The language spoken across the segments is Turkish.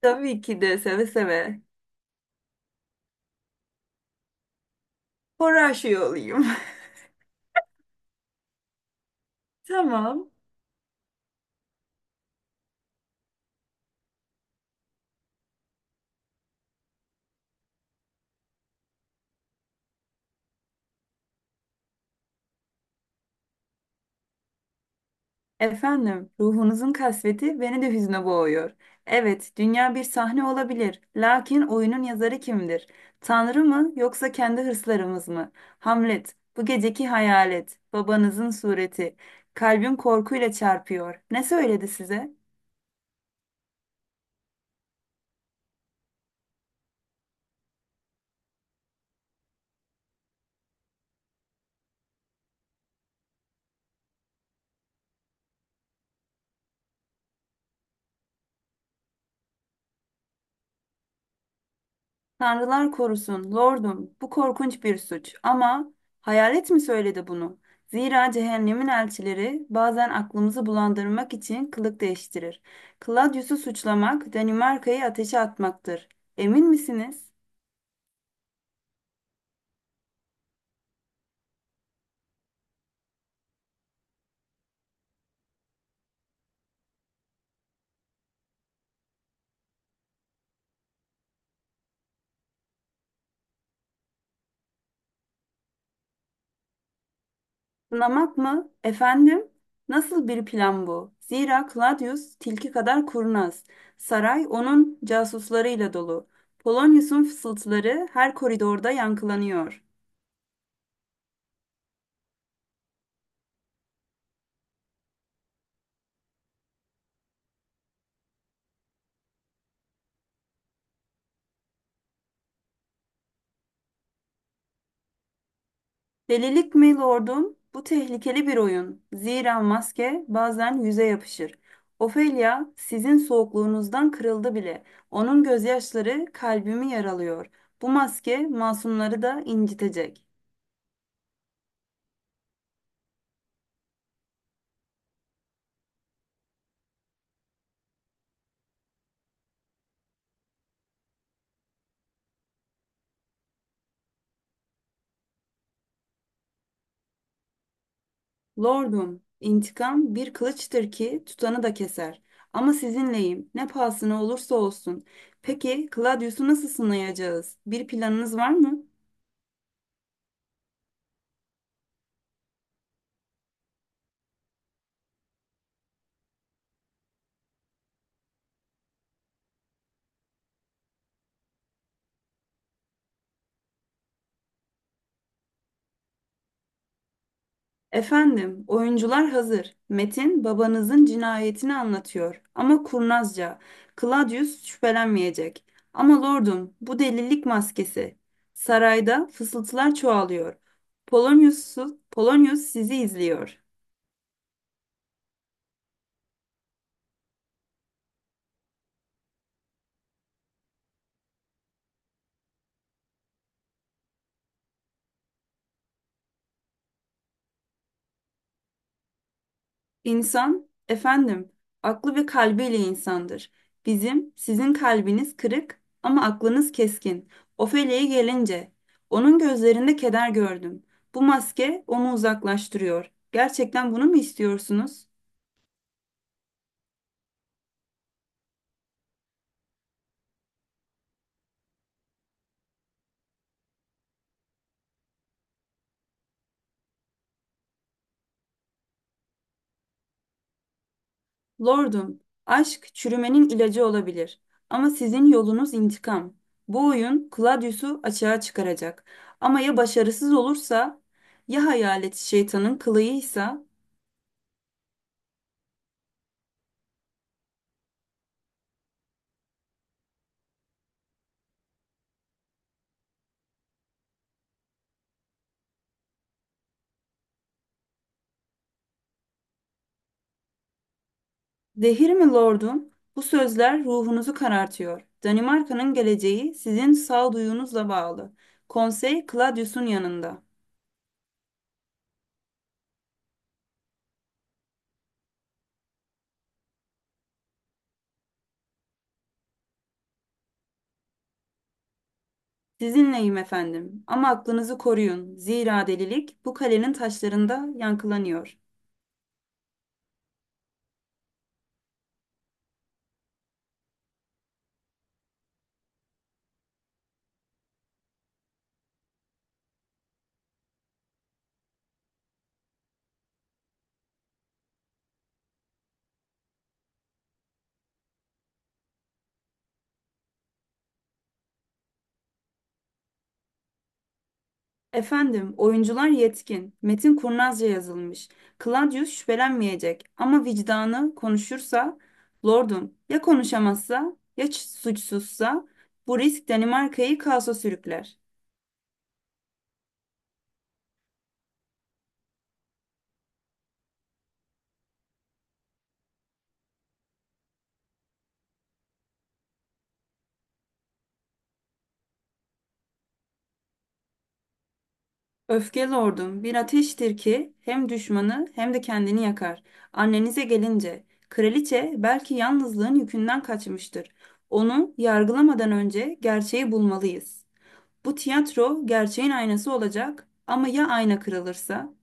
Tabii ki de seve seve. Spor aşığı olayım. Tamam. Efendim, ruhunuzun kasveti beni de hüzne boğuyor. Evet, dünya bir sahne olabilir. Lakin oyunun yazarı kimdir? Tanrı mı yoksa kendi hırslarımız mı? Hamlet, bu geceki hayalet, babanızın sureti. Kalbim korkuyla çarpıyor. Ne söyledi size? Tanrılar korusun, lordum, bu korkunç bir suç. Ama hayalet mi söyledi bunu? Zira cehennemin elçileri bazen aklımızı bulandırmak için kılık değiştirir. Claudius'u suçlamak, Danimarka'yı ateşe atmaktır. Emin misiniz? Sınamak mı? Efendim? Nasıl bir plan bu? Zira Claudius tilki kadar kurnaz. Saray onun casuslarıyla dolu. Polonius'un fısıltıları her koridorda yankılanıyor. Delilik mi lordum? Bu tehlikeli bir oyun. Zira maske bazen yüze yapışır. Ofelia sizin soğukluğunuzdan kırıldı bile. Onun gözyaşları kalbimi yaralıyor. Bu maske masumları da incitecek. Lordum, intikam bir kılıçtır ki tutanı da keser. Ama sizinleyim, ne pahasına olursa olsun. Peki, Claudius'u nasıl sınayacağız? Bir planınız var mı? Efendim, oyuncular hazır. Metin babanızın cinayetini anlatıyor ama kurnazca. Claudius şüphelenmeyecek. Ama lordum, bu delilik maskesi. Sarayda fısıltılar çoğalıyor. Polonius, Polonius sizi izliyor. İnsan, efendim, aklı ve kalbiyle insandır. Bizim, sizin kalbiniz kırık ama aklınız keskin. Ofelia'ya gelince, onun gözlerinde keder gördüm. Bu maske onu uzaklaştırıyor. Gerçekten bunu mu istiyorsunuz? Lordum, aşk çürümenin ilacı olabilir. Ama sizin yolunuz intikam. Bu oyun Claudius'u açığa çıkaracak. Ama ya başarısız olursa, ya hayalet şeytanın kılığıysa? Zehir mi lordum? Bu sözler ruhunuzu karartıyor. Danimarka'nın geleceği sizin sağduyunuzla bağlı. Konsey Claudius'un yanında. Sizinleyim efendim ama aklınızı koruyun. Zira delilik bu kalenin taşlarında yankılanıyor. Efendim, oyuncular yetkin. Metin kurnazca yazılmış. Claudius şüphelenmeyecek ama vicdanı konuşursa, lordum ya konuşamazsa suçsuzsa bu risk Danimarka'yı kaosa sürükler. Öfke lordum bir ateştir ki hem düşmanı hem de kendini yakar. Annenize gelince, kraliçe belki yalnızlığın yükünden kaçmıştır. Onu yargılamadan önce gerçeği bulmalıyız. Bu tiyatro gerçeğin aynası olacak ama ya ayna kırılırsa?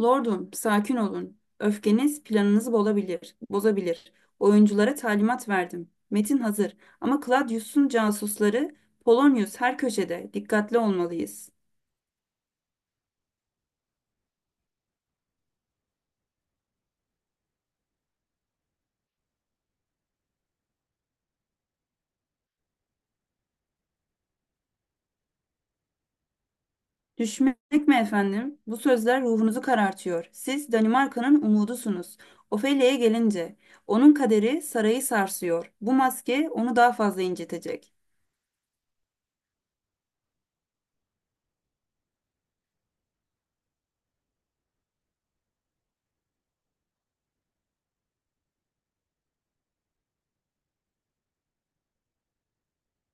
Lordum, sakin olun. Öfkeniz planınızı bozabilir. Oyunculara talimat verdim. Metin hazır ama Claudius'un casusları Polonius her köşede. Dikkatli olmalıyız. Düşmek mi efendim? Bu sözler ruhunuzu karartıyor. Siz Danimarka'nın umudusunuz. Ofelia'ya gelince, onun kaderi sarayı sarsıyor. Bu maske onu daha fazla incitecek.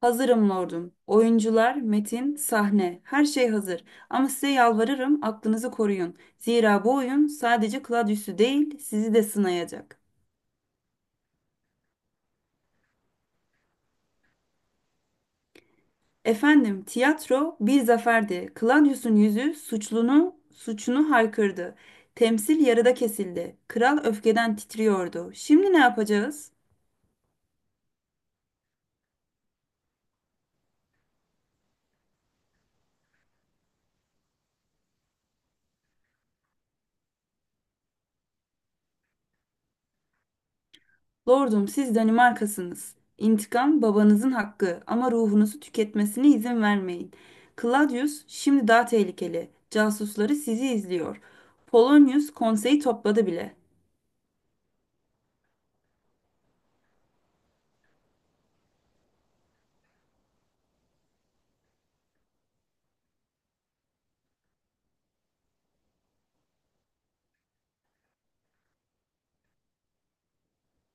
Hazırım lordum. Oyuncular, metin, sahne, her şey hazır. Ama size yalvarırım aklınızı koruyun. Zira bu oyun sadece Claudius'u değil, sizi de sınayacak. Efendim, tiyatro bir zaferdi. Claudius'un yüzü suçunu haykırdı. Temsil yarıda kesildi. Kral öfkeden titriyordu. Şimdi ne yapacağız? Lordum, siz Danimarkasınız. İntikam babanızın hakkı ama ruhunuzu tüketmesine izin vermeyin. Claudius şimdi daha tehlikeli. Casusları sizi izliyor. Polonius konseyi topladı bile.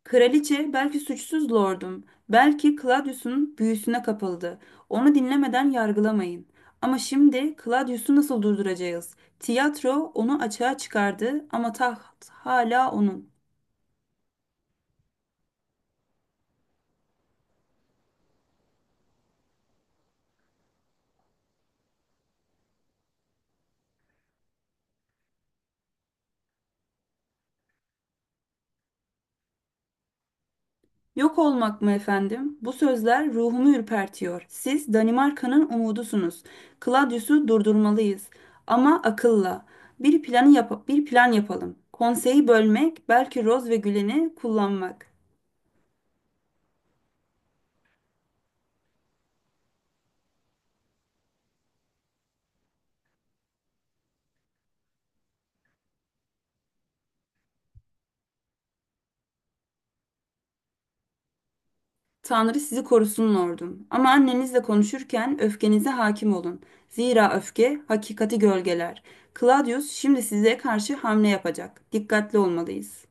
Kraliçe belki suçsuz lordum, belki Claudius'un büyüsüne kapıldı. Onu dinlemeden yargılamayın. Ama şimdi Claudius'u nasıl durduracağız? Tiyatro onu açığa çıkardı ama taht hala onun. Yok olmak mı efendim? Bu sözler ruhumu ürpertiyor. Siz Danimarka'nın umudusunuz. Claudius'u durdurmalıyız. Ama akılla. Bir plan yapalım. Konseyi bölmek, belki Roz ve Gülen'i kullanmak. Tanrı sizi korusun lordum. Ama annenizle konuşurken öfkenize hakim olun. Zira öfke hakikati gölgeler. Claudius şimdi size karşı hamle yapacak. Dikkatli olmalıyız.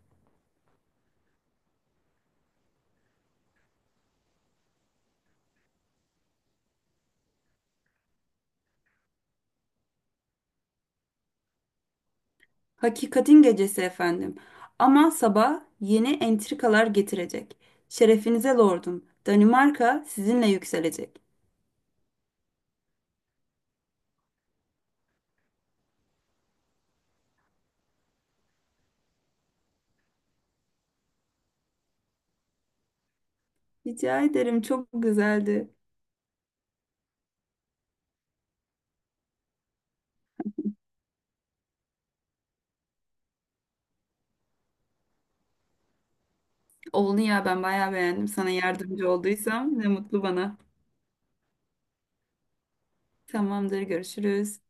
Hakikatin gecesi efendim. Ama sabah yeni entrikalar getirecek. Şerefinize lordum. Danimarka sizinle yükselecek. Rica ederim çok güzeldi. Oldu ya ben bayağı beğendim. Sana yardımcı olduysam ne mutlu bana. Tamamdır, görüşürüz.